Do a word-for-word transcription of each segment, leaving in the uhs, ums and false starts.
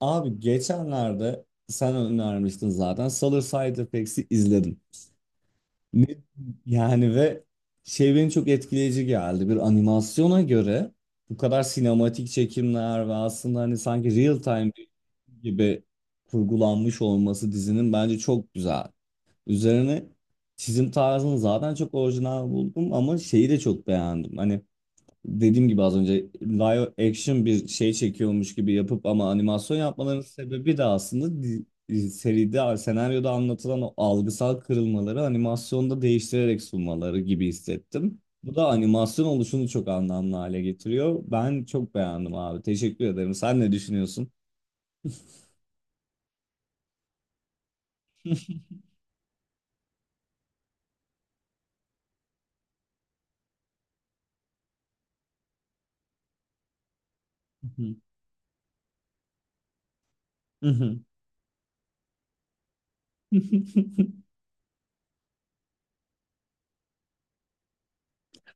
Abi geçenlerde sen önermiştin zaten. Solar Side Effects'i izledim. Ne, yani ve şey beni çok etkileyici geldi. Bir animasyona göre bu kadar sinematik çekimler ve aslında hani sanki real time gibi kurgulanmış olması dizinin bence çok güzel. Üzerine çizim tarzını zaten çok orijinal buldum ama şeyi de çok beğendim. Hani dediğim gibi az önce live action bir şey çekiyormuş gibi yapıp ama animasyon yapmalarının sebebi de aslında di- di- seride, senaryoda anlatılan o algısal kırılmaları animasyonda değiştirerek sunmaları gibi hissettim. Bu da animasyon oluşunu çok anlamlı hale getiriyor. Ben çok beğendim abi. Teşekkür ederim. Sen ne düşünüyorsun? Hı hı. Hı hı.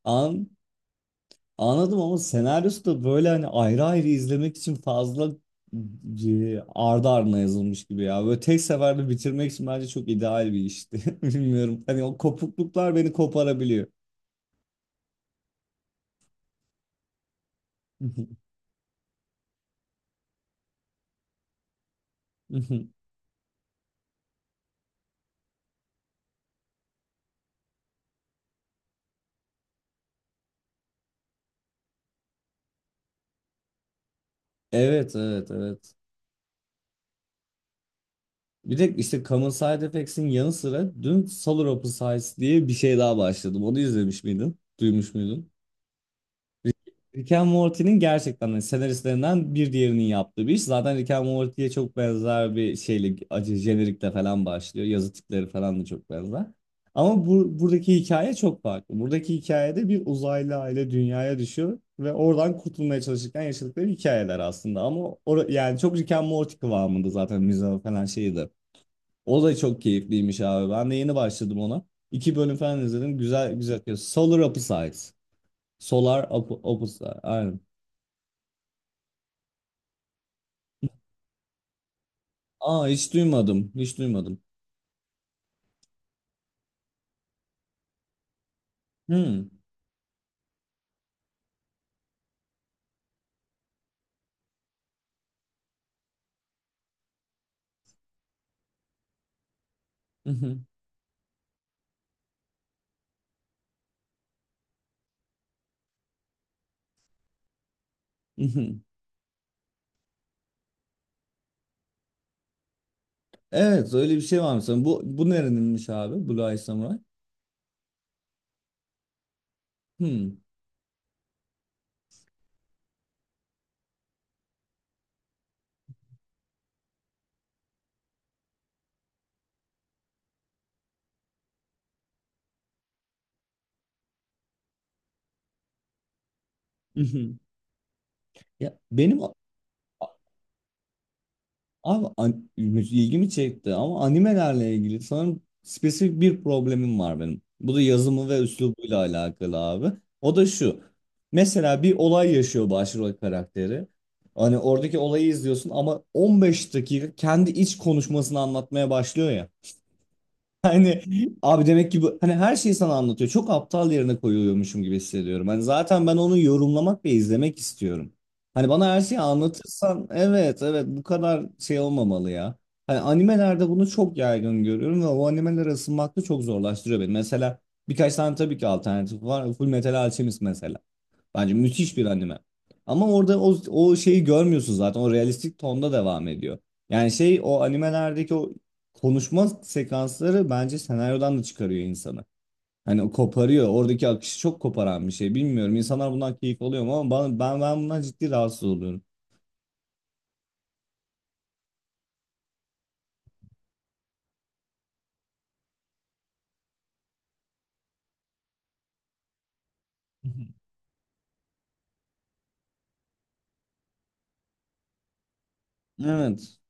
An Anladım, ama senaryosu da böyle hani ayrı ayrı izlemek için fazla e, ardı ardına yazılmış gibi ya. Böyle tek seferde bitirmek için bence çok ideal bir işti. Bilmiyorum. Hani o kopukluklar beni koparabiliyor. Evet, evet, evet. Bir de işte Common Side Effects'in yanı sıra dün Solar Opposites diye bir şey daha başladım. Onu izlemiş miydin? Duymuş muydun? Rick Rick and Morty'nin gerçekten hani senaristlerinden bir diğerinin yaptığı bir iş. Zaten Rick and Morty'ye çok benzer bir şeyle, acı jenerikle falan başlıyor. Yazı tipleri falan da çok benzer. Ama bu, buradaki hikaye çok farklı. Buradaki hikayede bir uzaylı aile dünyaya düşüyor ve oradan kurtulmaya çalışırken yaşadıkları hikayeler aslında. Ama or yani çok Rick and Morty kıvamında zaten müze falan şeydi. O da çok keyifliymiş abi. Ben de yeni başladım ona. İki bölüm falan izledim. Güzel güzel. Solar Opposites. Solar op- Opposite. Aynen. Aa, hiç duymadım. Hiç duymadım. Hmm. Mhm, mhm. Evet öyle bir şey var mesela. Bu, bu nereninmiş abi? Blue Eye Samurai. Hmm. Mhm. Ya, benim Abi an- ilgimi çekti ama animelerle ilgili sanırım spesifik bir problemim var benim. Bu da yazımı ve üslubuyla alakalı abi. O da şu. Mesela bir olay yaşıyor başrol karakteri. Hani oradaki olayı izliyorsun ama on beş dakika kendi iç konuşmasını anlatmaya başlıyor ya. Hani abi demek ki bu hani her şeyi sana anlatıyor. Çok aptal yerine koyuluyormuşum gibi hissediyorum. Hani zaten ben onu yorumlamak ve izlemek istiyorum. Hani bana her şeyi anlatırsan evet evet bu kadar şey olmamalı ya. Hani animelerde bunu çok yaygın görüyorum ve o animelere ısınmak da çok zorlaştırıyor beni. Mesela birkaç tane tabii ki alternatif var. Full Metal Alchemist mesela. Bence müthiş bir anime. Ama orada o, o şeyi görmüyorsun zaten. O realistik tonda devam ediyor. Yani şey o animelerdeki o konuşma sekansları bence senaryodan da çıkarıyor insanı. Hani o koparıyor. Oradaki akışı çok koparan bir şey. Bilmiyorum. İnsanlar bundan keyif alıyor mu ama ben, ben, ben bundan ciddi rahatsız oluyorum. Evet.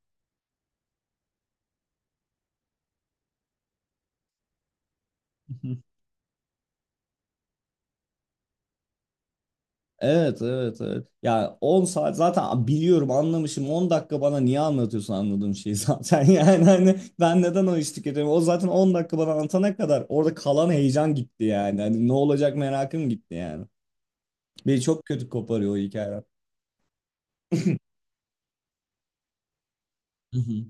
Evet, evet, evet. Ya on saat zaten biliyorum, anlamışım. On dakika bana niye anlatıyorsun anladığım şeyi zaten. Yani hani ben neden o işi tüketiyorum? O zaten on dakika bana anlatana kadar orada kalan heyecan gitti yani. Hani ne olacak merakım gitti yani. Beni çok kötü koparıyor o hikaye. Hı hı.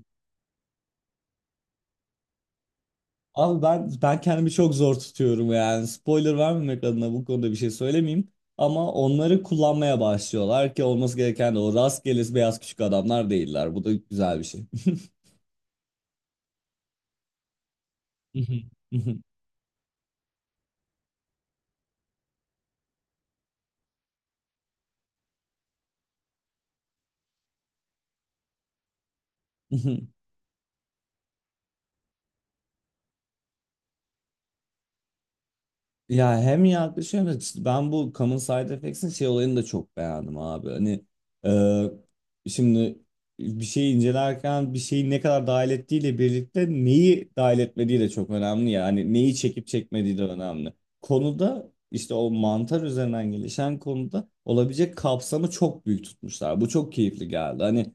Abi ben ben kendimi çok zor tutuyorum yani. Spoiler vermemek adına bu konuda bir şey söylemeyeyim. Ama onları kullanmaya başlıyorlar ki olması gereken de o rastgele beyaz küçük adamlar değiller. Bu da güzel bir şey. Ya hem yaklaşıyor hem de işte ben bu Common Side Effects'in şey olayını da çok beğendim abi. Hani e, şimdi bir şeyi incelerken bir şeyi ne kadar dahil ettiğiyle birlikte neyi dahil etmediği de çok önemli ya. Hani neyi çekip çekmediği de önemli. Konuda işte o mantar üzerinden gelişen konuda olabilecek kapsamı çok büyük tutmuşlar. Bu çok keyifli geldi. Hani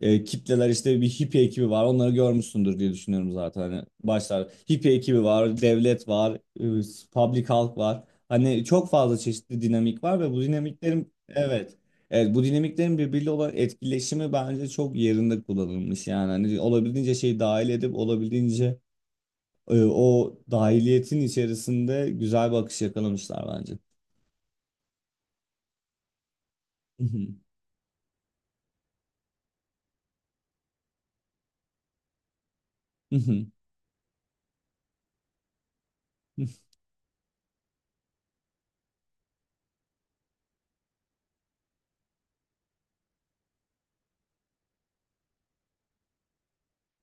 e, kitleler işte bir hippie ekibi var. Onları görmüşsündür diye düşünüyorum zaten. Hani başlar hippie ekibi var, devlet var, e, public halk var. Hani çok fazla çeşitli dinamik var ve bu dinamiklerin evet. Evet bu dinamiklerin birbiriyle olan etkileşimi bence çok yerinde kullanılmış. Yani hani olabildiğince şeyi dahil edip olabildiğince e, o dahiliyetin içerisinde güzel bir akış yakalamışlar bence.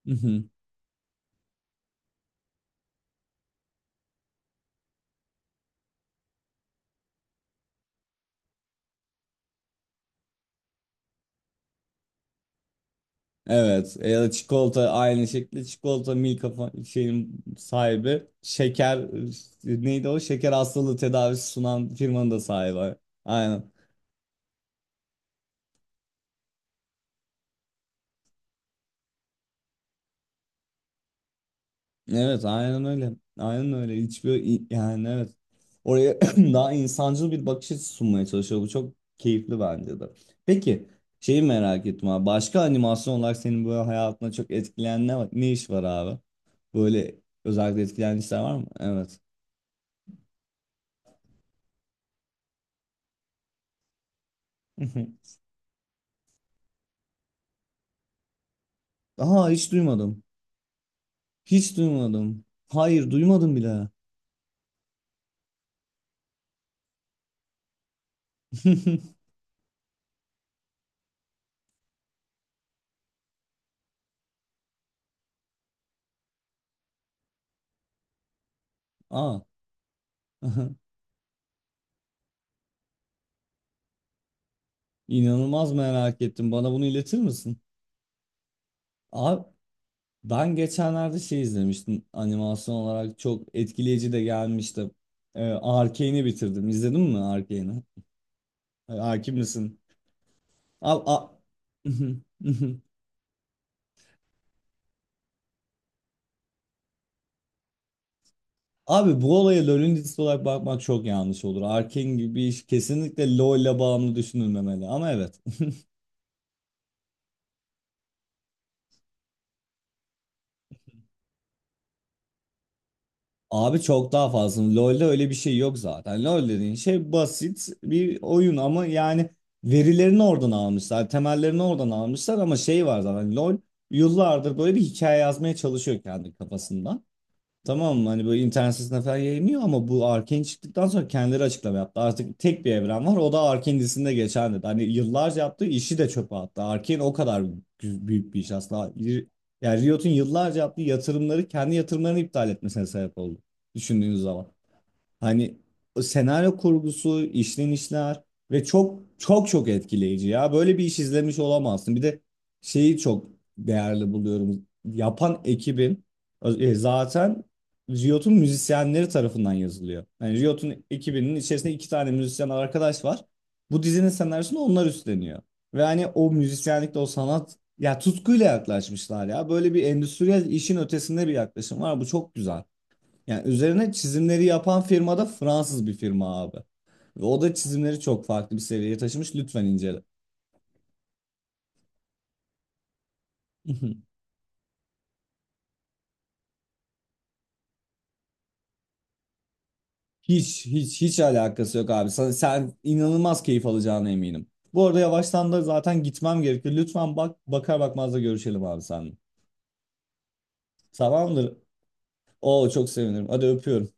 Evet e, ya da çikolata aynı şekilde çikolata Milka fa- şeyin sahibi şeker e, neydi o şeker hastalığı tedavisi sunan firmanın da sahibi. Aynen. Evet aynen öyle. Aynen öyle. Hiçbir yani evet. Oraya daha insancıl bir bakış açısı sunmaya çalışıyor. Bu çok keyifli bence de. Peki şeyi merak ettim abi. Başka animasyon olarak senin böyle hayatına çok etkileyen ne, var- ne iş var abi? Böyle özellikle etkileyen işler var mı? Evet. Aha, hiç duymadım. Hiç duymadım. Hayır, duymadım bile. Aa, aha. inanılmaz merak ettim. Bana bunu iletir misin? Abi, ben geçenlerde şey izlemiştim. Animasyon olarak çok etkileyici de gelmişti. Ee, Arcane'i bitirdim. İzledin mi Arcane'i? Ee, Hakim misin? Abi, a- Abi bu olaya LoL'ün dizisi olarak bakmak çok yanlış olur. Arcane gibi bir iş kesinlikle LoL ile bağımlı düşünülmemeli. Ama evet. Abi çok daha fazla. LoL'de öyle bir şey yok zaten. LoL dediğin şey basit bir oyun ama yani verilerini oradan almışlar, temellerini oradan almışlar ama şey var zaten LoL yıllardır böyle bir hikaye yazmaya çalışıyor kendi kafasında. Tamam mı? Hani böyle internet sitesinde falan yayınlıyor ama bu Arkane çıktıktan sonra kendileri açıklama yaptı. Artık tek bir evren var o da Arkane dizisinde geçen dedi. Hani yıllarca yaptığı işi de çöpe attı. Arkane o kadar gü- büyük bir iş aslında. Y- Yani Riot'un yıllarca yaptığı yatırımları kendi yatırımlarını iptal etmesine sebep oldu. Düşündüğünüz zaman. Hani o senaryo kurgusu, işlenişler ve çok çok çok etkileyici ya. Böyle bir iş izlemiş olamazsın. Bir de şeyi çok değerli buluyorum. Yapan ekibin e, zaten Riot'un müzisyenleri tarafından yazılıyor. Yani Riot'un ekibinin içerisinde iki tane müzisyen arkadaş var. Bu dizinin senaryosunu onlar üstleniyor. Ve hani o müzisyenlikte o sanat ya tutkuyla yaklaşmışlar ya. Böyle bir endüstriyel işin ötesinde bir yaklaşım var. Bu çok güzel. Yani üzerine çizimleri yapan firma da Fransız bir firma abi. Ve o da çizimleri çok farklı bir seviyeye taşımış. Lütfen incele. Hiç hiç hiç alakası yok abi. Sen, sen inanılmaz keyif alacağına eminim. Bu arada yavaştan da zaten gitmem gerekiyor. Lütfen bak bakar bakmaz da görüşelim abi seninle. Tamamdır. Oo çok sevinirim. Hadi öpüyorum.